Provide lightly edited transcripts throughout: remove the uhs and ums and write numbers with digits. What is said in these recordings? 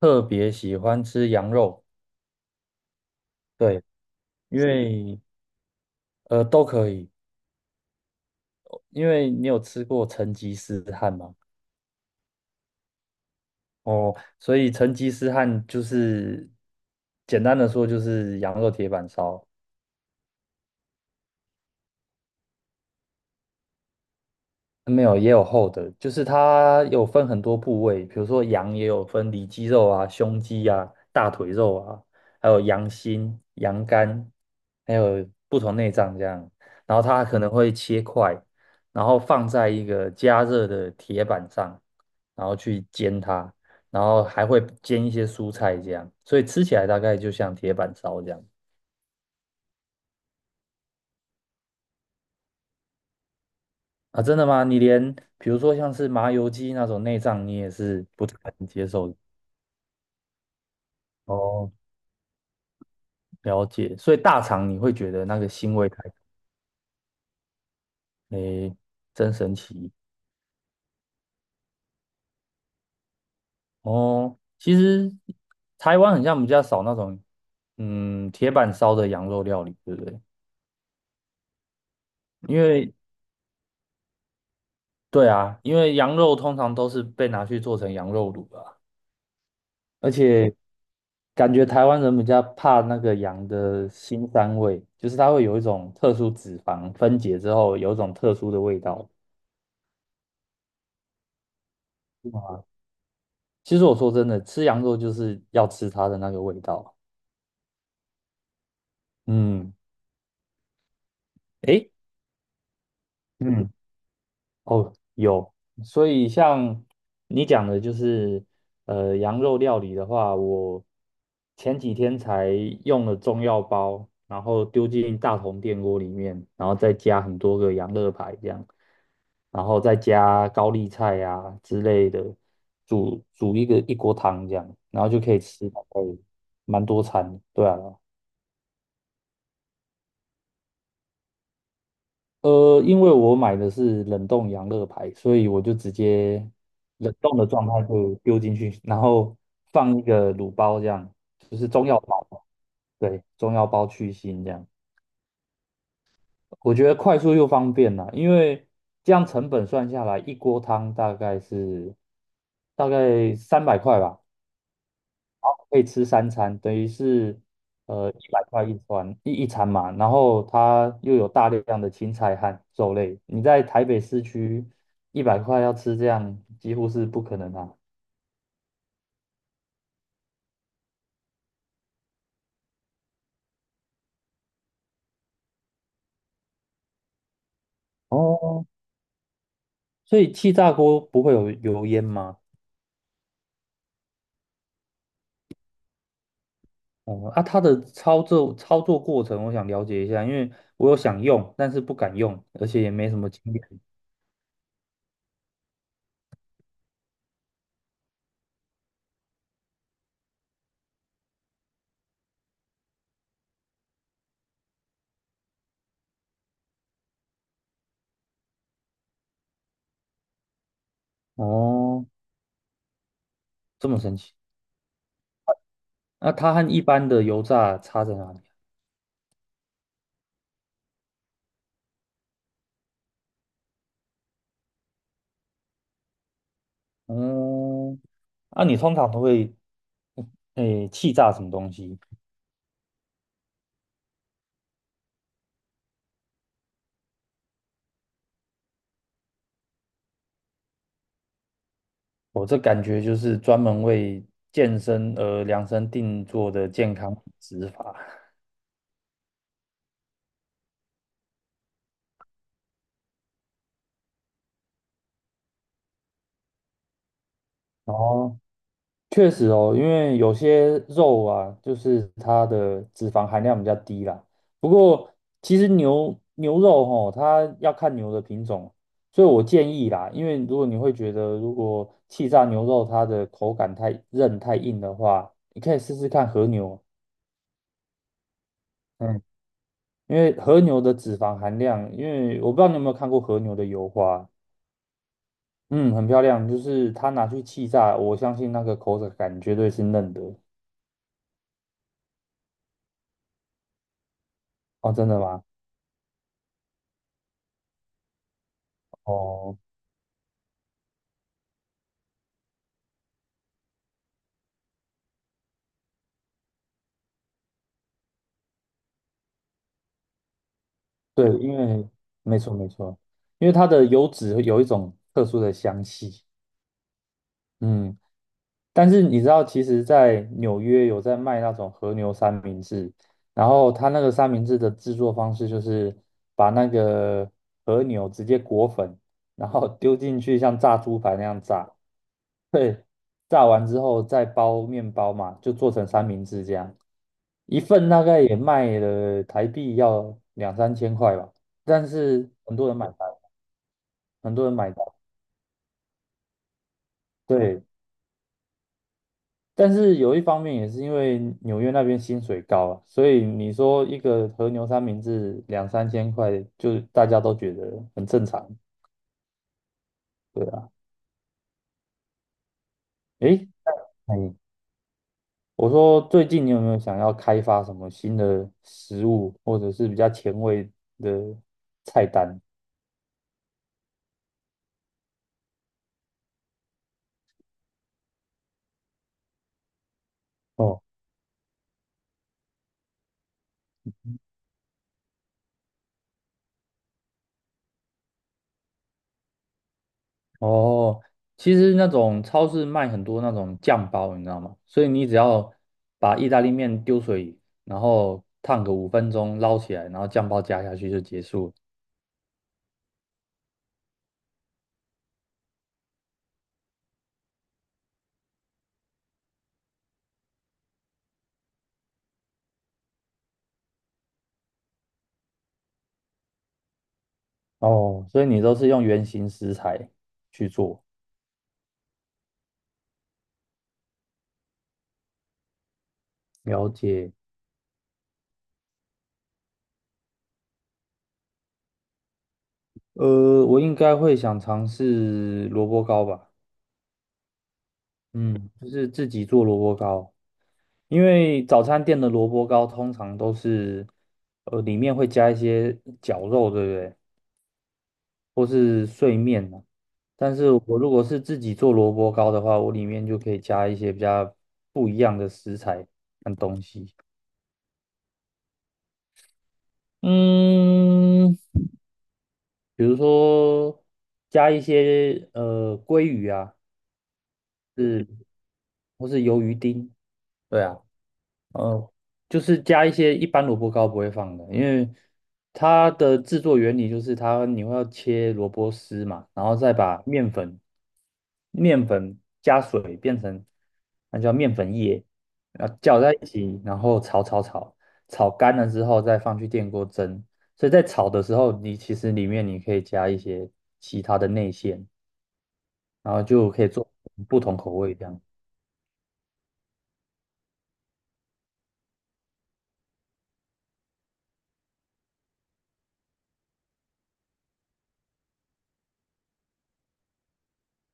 特别喜欢吃羊肉，对，因为都可以，因为你有吃过成吉思汗吗？哦，所以成吉思汗就是简单的说就是羊肉铁板烧，没有，也有厚的，就是它有分很多部位，比如说羊也有分里脊肉啊、胸肌啊、大腿肉啊，还有羊心、羊肝，还有不同内脏这样。然后它可能会切块，然后放在一个加热的铁板上，然后去煎它，然后还会煎一些蔬菜这样，所以吃起来大概就像铁板烧这样。啊，真的吗？你连比如说像是麻油鸡那种内脏，你也是不太能接受的。哦，了解，所以大肠你会觉得那个腥味太重，诶，真神奇哦。其实台湾很像比较少那种，嗯，铁板烧的羊肉料理，对不对？因为对啊，因为羊肉通常都是被拿去做成羊肉卤啊，而且感觉台湾人比较怕那个羊的腥膻味，就是它会有一种特殊脂肪分解之后有一种特殊的味道。其实我说真的，吃羊肉就是要吃它的那个味道，嗯。诶，嗯，哦，有，所以像你讲的，就是羊肉料理的话，我前几天才用了中药包，然后丢进大同电锅里面，然后再加很多个羊肋排这样，然后再加高丽菜啊之类的，煮一个一锅汤这样，然后就可以吃大概蛮多餐的对啊，因为我买的是冷冻羊乐排，所以我就直接冷冻的状态就丢进去，然后放一个卤包，这样就是中药包，对，中药包去腥这样。我觉得快速又方便啦，因为这样成本算下来，一锅汤大概是大概300块吧，可以吃三餐，等于是一百块一餐一餐嘛，然后它又有大量的青菜和肉类，你在台北市区一百块要吃这样几乎是不可能啊。哦，所以气炸锅不会有油烟吗？哦，啊，它的操作过程我想了解一下，因为我有想用，但是不敢用，而且也没什么经验。哦，这么神奇。那它和一般的油炸差在哪里？嗯，那、你通常都会，嗯诶，气炸什么东西？我这感觉就是专门为健身而量身定做的健康饮食法。哦，确实哦，因为有些肉啊，就是它的脂肪含量比较低啦。不过其实牛肉吼，它要看牛的品种，所以我建议啦，因为如果你会觉得如果气炸牛肉它的口感太韧太硬的话，你可以试试看和牛。嗯，因为和牛的脂肪含量，因为我不知道你有没有看过和牛的油花，嗯，很漂亮，就是它拿去气炸，我相信那个口感绝对是嫩的。哦，真的吗？哦，对，因为没错没错，因为它的油脂有一种特殊的香气，嗯。但是你知道，其实，在纽约有在卖那种和牛三明治，然后他那个三明治的制作方式就是把那个和牛直接裹粉，然后丢进去像炸猪排那样炸，对，炸完之后再包面包嘛，就做成三明治这样，一份大概也卖了台币要两三千块吧，但是很多人买单，很多人买单，对。但是有一方面也是因为纽约那边薪水高啊，所以你说一个和牛三明治两三千块，就大家都觉得很正常，对啊。诶，哎，我说最近你有没有想要开发什么新的食物，或者是比较前卫的菜单？哦，哦，其实那种超市卖很多那种酱包，你知道吗？所以你只要把意大利面丢水里，然后烫个5分钟捞起来，然后酱包加下去就结束了哦，所以你都是用原型食材去做，了解。我应该会想尝试萝卜糕吧，嗯，就是自己做萝卜糕，因为早餐店的萝卜糕通常都是，里面会加一些绞肉，对不对？或是碎面呢、但是我如果是自己做萝卜糕的话，我里面就可以加一些比较不一样的食材跟东西。嗯。比如说加一些鲑鱼啊，是或是鱿鱼丁，对啊，呃，就是加一些一般萝卜糕不会放的，因为它的制作原理就是它你会要切萝卜丝嘛，然后再把面粉加水变成那叫面粉液，然后搅在一起，然后炒，炒干了之后再放去电锅蒸。所以在炒的时候，你其实里面你可以加一些其他的内馅。然后就可以做不同口味这样。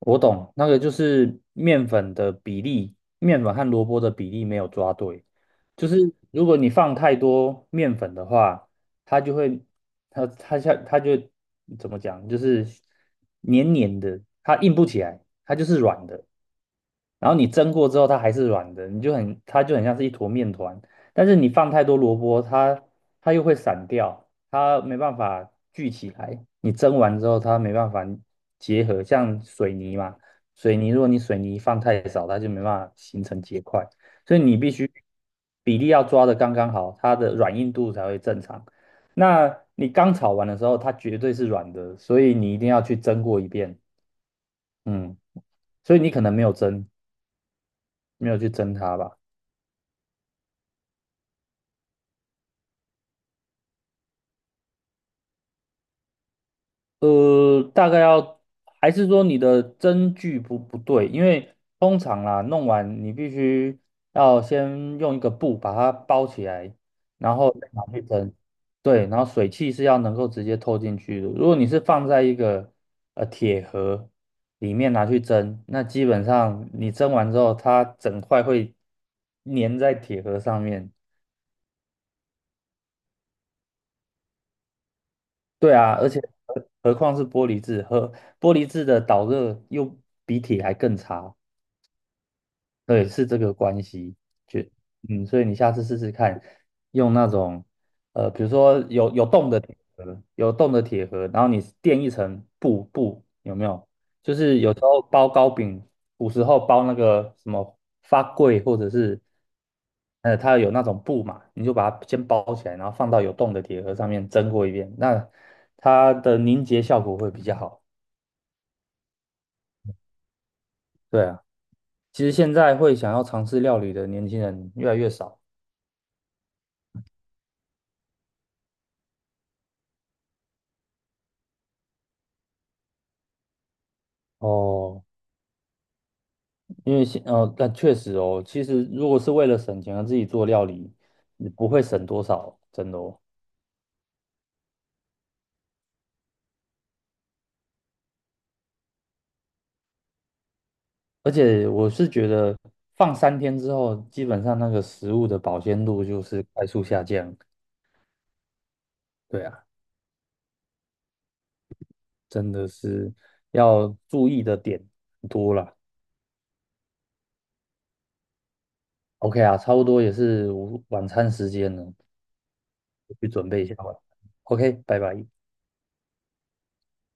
我懂，那个就是面粉的比例，面粉和萝卜的比例没有抓对，就是如果你放太多面粉的话，它就会，它就怎么讲，就是黏黏的，它硬不起来，它就是软的。然后你蒸过之后，它还是软的，你就很，它就很像是一坨面团。但是你放太多萝卜，它又会散掉，它没办法聚起来，你蒸完之后它没办法结合，像水泥嘛，水泥如果你水泥放太少，它就没办法形成结块，所以你必须比例要抓的刚刚好，它的软硬度才会正常。那你刚炒完的时候，它绝对是软的，所以你一定要去蒸过一遍，嗯，所以你可能没有蒸，没有去蒸它吧。大概要，还是说你的针距不对？因为通常啦，弄完你必须要先用一个布把它包起来，然后再拿去蒸。对，然后水汽是要能够直接透进去的。如果你是放在一个铁盒里面拿去蒸，那基本上你蒸完之后，它整块会粘在铁盒上面。对啊，而且何况是玻璃质，和玻璃质的导热又比铁还更差。对，是这个关系，就嗯，所以你下次试试看，用那种比如说有洞的铁盒，有洞的铁盒，然后你垫一层布布，有没有？就是有时候包糕饼，古时候包那个什么发粿，或者是它有那种布嘛，你就把它先包起来，然后放到有洞的铁盒上面蒸过一遍，那它的凝结效果会比较好。对啊，其实现在会想要尝试料理的年轻人越来越少。哦，因为，但确实哦，其实如果是为了省钱而自己做料理，你不会省多少，真的哦。而且我是觉得放3天之后，基本上那个食物的保鲜度就是快速下降。对啊，真的是要注意的点很多了。OK 啊，差不多也是午晚餐时间了，我去准备一下吧。OK，拜拜。